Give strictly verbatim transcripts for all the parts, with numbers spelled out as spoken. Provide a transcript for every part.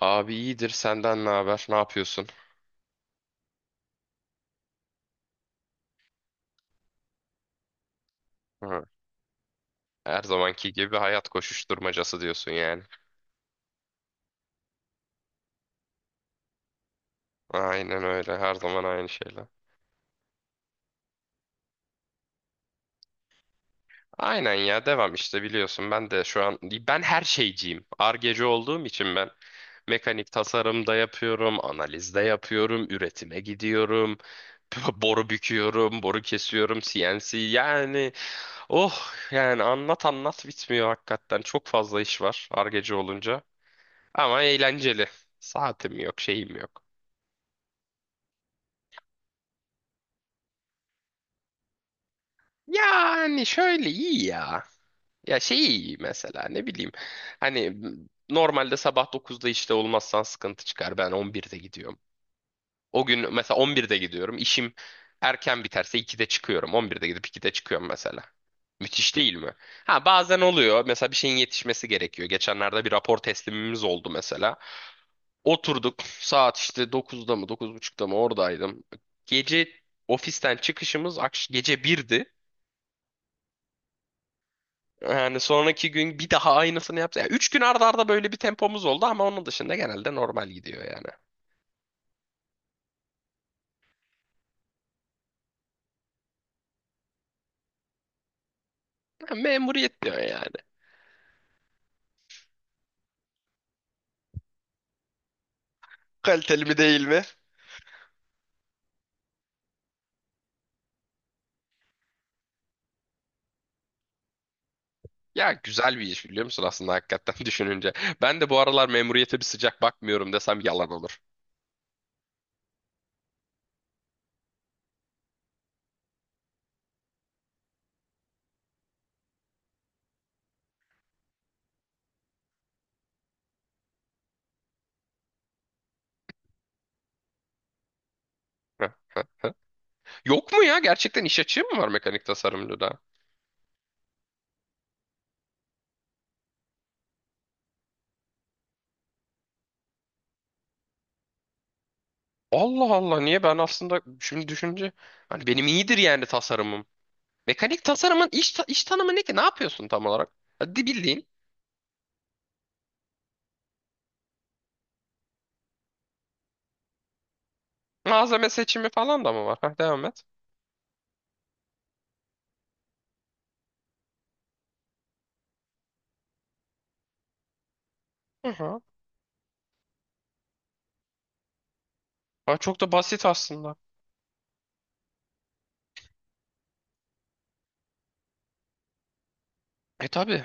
Abi iyidir, senden ne haber? Ne yapıyorsun? Hı. Her zamanki gibi hayat koşuşturmacası diyorsun yani. Aynen öyle. Her zaman aynı şeyler. Aynen ya devam işte, biliyorsun ben de şu an ben her şeyciyim. Ar-Ge'ci olduğum için ben mekanik tasarımda yapıyorum, analizde yapıyorum, üretime gidiyorum, boru büküyorum, boru kesiyorum, C N C yani oh, yani anlat anlat bitmiyor, hakikaten çok fazla iş var Ar-Ge'ci olunca ama eğlenceli. Saatim yok, şeyim yok. Yani şöyle iyi ya. Ya şey iyi mesela, ne bileyim. Hani normalde sabah dokuzda işte olmazsan sıkıntı çıkar. Ben on birde gidiyorum. O gün mesela on birde gidiyorum. İşim erken biterse ikide çıkıyorum. On birde gidip ikide çıkıyorum mesela. Müthiş değil mi? Ha, bazen oluyor. Mesela bir şeyin yetişmesi gerekiyor. Geçenlerde bir rapor teslimimiz oldu mesela. Oturduk, saat işte dokuzda mı dokuz buçukta mı oradaydım. Gece ofisten çıkışımız akş- gece birdi. Yani sonraki gün bir daha aynısını yapsa. Yani üç gün arda arda böyle bir tempomuz oldu ama onun dışında genelde normal gidiyor yani. Ha, Memuriyet diyor yani. Kaliteli mi değil mi? Ya güzel bir iş, biliyor musun aslında, hakikaten düşününce. Ben de bu aralar memuriyete bir sıcak bakmıyorum desem yalan olur. Heh. Yok mu ya? Gerçekten iş açığı mı var mekanik tasarımcıda? Allah Allah, niye, ben aslında şimdi düşünce hani benim iyidir yani tasarımım. Mekanik tasarımın iş, ta- iş tanımı ne ki? Ne yapıyorsun tam olarak? Hadi bildiğin malzeme seçimi falan da mı var? Heh, devam et. Hı hı. Ha, çok da basit aslında. E tabii.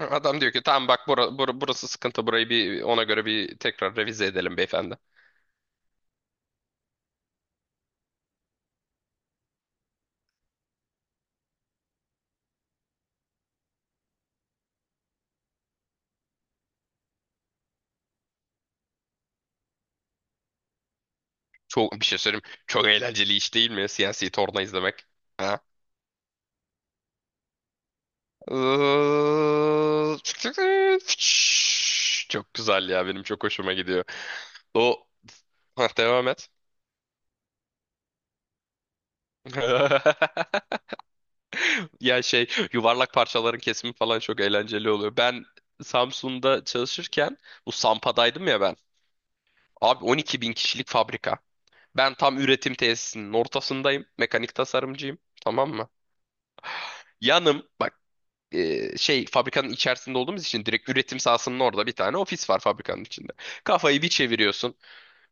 Adam diyor ki tamam bak, bura- bura- burası sıkıntı, burayı bir ona göre bir tekrar revize edelim beyefendi. Çok bir şey söyleyeyim. Çok eğlenceli iş değil mi? Siyasi torna izlemek. Ha? Çok güzel ya, benim çok hoşuma gidiyor. O. Hah, devam et. Ya şey, yuvarlak parçaların kesimi falan çok eğlenceli oluyor. Ben Samsun'da çalışırken bu Sampa'daydım ya ben. Abi on iki bin kişilik fabrika. Ben tam üretim tesisinin ortasındayım. Mekanik tasarımcıyım. Tamam mı? Yanım bak, e, şey fabrikanın içerisinde olduğumuz için direkt üretim sahasının orada bir tane ofis var fabrikanın içinde. Kafayı bir çeviriyorsun.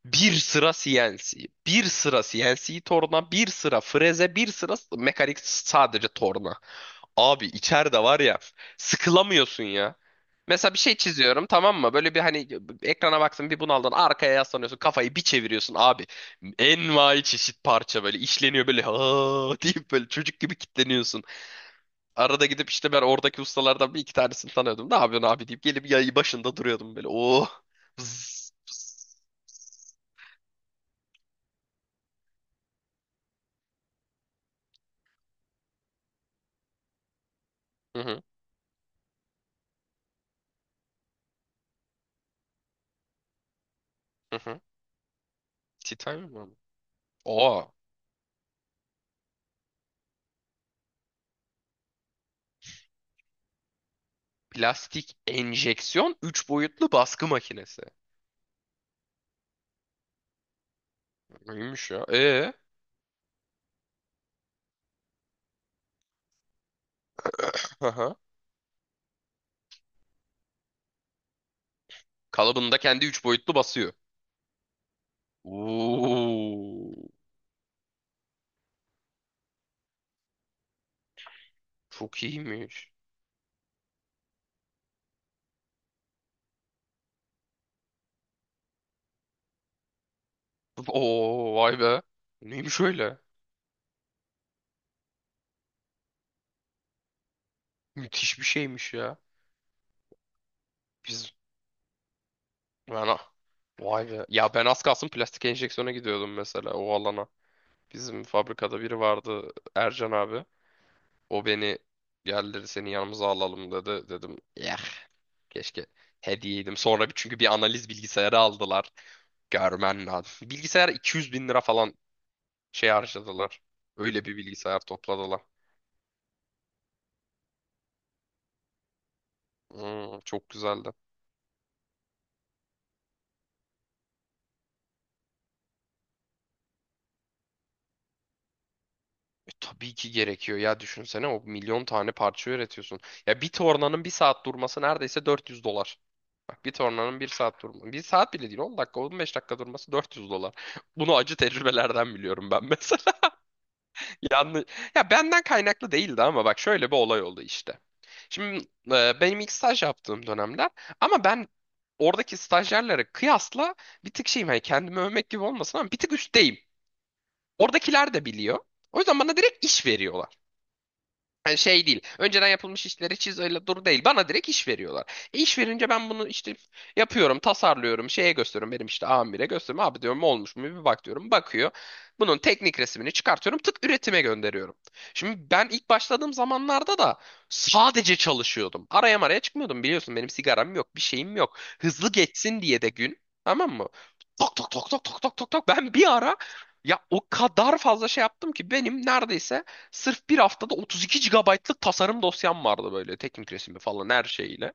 Bir sıra C N C, bir sıra C N C torna, bir sıra freze, bir sıra mekanik sadece torna. Abi içeride var ya, sıkılamıyorsun ya. Mesela bir şey çiziyorum tamam mı? Böyle bir hani ekrana baksın, bir bunaldın arkaya yaslanıyorsun, kafayı bir çeviriyorsun abi. Envai çeşit parça böyle işleniyor, böyle ha deyip böyle çocuk gibi kitleniyorsun. Arada gidip işte, ben oradaki ustalardan bir iki tanesini tanıyordum. Ne yapıyorsun abi deyip gelip yayı başında duruyordum böyle. Oh. Vız, vız, vız. Hı hı hı. Hı. Tea time mı? Oo. Plastik enjeksiyon üç boyutlu baskı makinesi. Neymiş ya? Ee? Aha. Kalıbında kendi üç boyutlu basıyor. Oo, çok iyiymiş. Oo, vay be. Neymiş öyle? Müthiş bir şeymiş ya. Biz ben ah- vay be. Ya ben az kalsın plastik enjeksiyona gidiyordum mesela, o alana. Bizim fabrikada biri vardı, Ercan abi. O beni yerleri seni yanımıza alalım dedi. Dedim ya, keşke hediyeydim. Sonra bir- çünkü bir analiz bilgisayarı aldılar. Görmen lazım. Bilgisayar iki yüz bin lira falan şey harcadılar. Öyle bir bilgisayar topladılar. Hmm, çok güzeldi. E, tabii ki gerekiyor ya, düşünsene o milyon tane parça üretiyorsun. Ya bir tornanın bir saat durması neredeyse dört yüz dolar. Bak, bir tornanın bir saat durması. Bir saat bile değil, on dakika on beş dakika durması dört yüz dolar. Bunu acı tecrübelerden biliyorum ben mesela. Yanlış. Ya benden kaynaklı değildi ama bak şöyle bir olay oldu işte. Şimdi e, benim ilk staj yaptığım dönemler, ama ben oradaki stajyerlere kıyasla bir tık şeyim, hani kendimi övmek gibi olmasın ama bir tık üstteyim. Oradakiler de biliyor. O yüzden bana direkt iş veriyorlar. Yani şey değil. Önceden yapılmış işleri çiz öyle dur değil. Bana direkt iş veriyorlar. E iş verince ben bunu işte yapıyorum, tasarlıyorum, şeye gösteriyorum. Benim işte amire gösteriyorum. Abi diyorum, olmuş mu bir bak diyorum. Bakıyor. Bunun teknik resmini çıkartıyorum. Tık, üretime gönderiyorum. Şimdi ben ilk başladığım zamanlarda da sadece çalışıyordum. Araya maraya çıkmıyordum, biliyorsun. Benim sigaram yok, bir şeyim yok. Hızlı geçsin diye de gün. Tamam mı? Tok tok tok tok tok tok tok tok. Ben bir ara ya o kadar fazla şey yaptım ki benim neredeyse sırf bir haftada otuz iki gigabaytlık tasarım dosyam vardı böyle, teknik resimi falan her şeyle.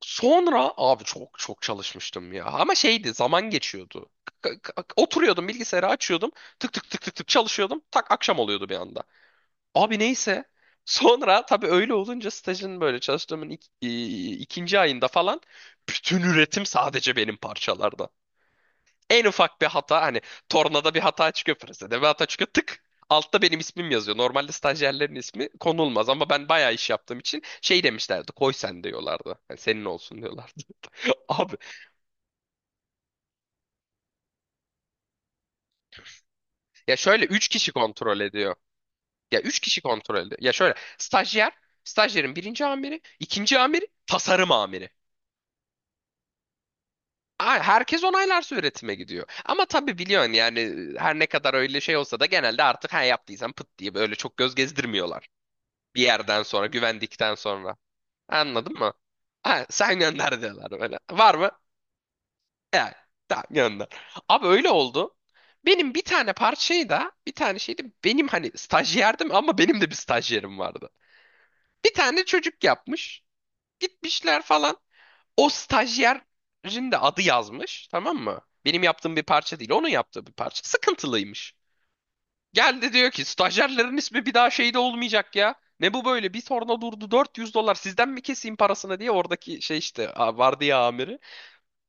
Sonra abi çok çok çalışmıştım ya. Ama şeydi, zaman geçiyordu. K- k- Oturuyordum, bilgisayarı açıyordum. Tık tık tık tık tık çalışıyordum. Tak, akşam oluyordu bir anda. Abi neyse. Sonra tabii öyle olunca stajın böyle çalıştığımın ik- i- ikinci ayında falan bütün üretim sadece benim parçalarda. En ufak bir hata hani, tornada bir hata çıkıyor, presede bir hata çıkıyor, tık. Altta benim ismim yazıyor. Normalde stajyerlerin ismi konulmaz ama ben bayağı iş yaptığım için şey demişlerdi. Koy sen diyorlardı. Yani senin olsun diyorlardı. Abi ya, şöyle üç kişi kontrol ediyor. Ya üç kişi kontrol ediyor. Ya şöyle, stajyer, stajyerin birinci amiri, ikinci amiri, tasarım amiri. Aa, Herkes onaylarsa üretime gidiyor. Ama tabii biliyorsun yani, her ne kadar öyle şey olsa da genelde artık ha yaptıysam pıt diye böyle çok göz gezdirmiyorlar. Bir yerden sonra, güvendikten sonra. Anladın mı? Ha, sen gönder diyorlar böyle. Var mı? Evet. Tamam, gönder. Abi öyle oldu. Benim bir tane parçayı da, bir tane şeydi, benim hani stajyerdim ama benim de bir stajyerim vardı. Bir tane çocuk yapmış. Gitmişler falan. O stajyerin de adı yazmış. Tamam mı? Benim yaptığım bir parça değil. Onun yaptığı bir parça. Sıkıntılıymış. Geldi diyor ki, stajyerlerin ismi bir daha şeyde olmayacak ya. Ne bu böyle? Bir torna durdu, dört yüz dolar sizden mi keseyim parasını diye, oradaki şey işte, a- vardı ya amiri,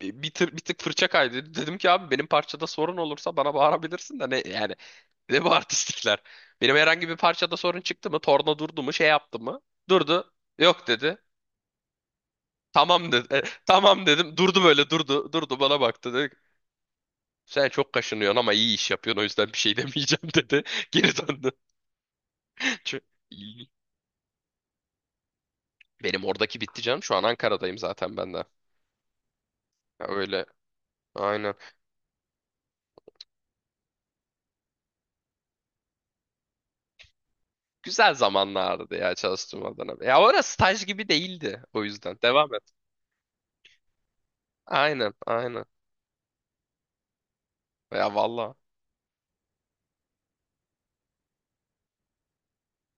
bir, bir, tır- bir tık fırça kaydı. Dedim ki, abi benim parçada sorun olursa bana bağırabilirsin de ne yani, ne bu artistlikler. Benim herhangi bir parçada sorun çıktı mı? Torna durdu mu? Şey yaptı mı? Durdu. Yok dedi. Tamam dedi. E, tamam dedim. Durdu böyle, durdu. Durdu bana baktı, dedi ki, sen çok kaşınıyorsun ama iyi iş yapıyorsun, o yüzden bir şey demeyeceğim dedi. Geri döndü. Çok- Benim oradaki bitti canım. Şu an Ankara'dayım zaten ben de. Ya öyle. Aynen. Güzel zamanlardı ya, çalıştığım Adana. Ya orası staj gibi değildi. O yüzden. Devam et. Aynen. Aynen. Ya valla.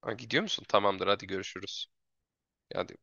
Ha, Gidiyor musun? Tamamdır. Hadi görüşürüz. Hadi.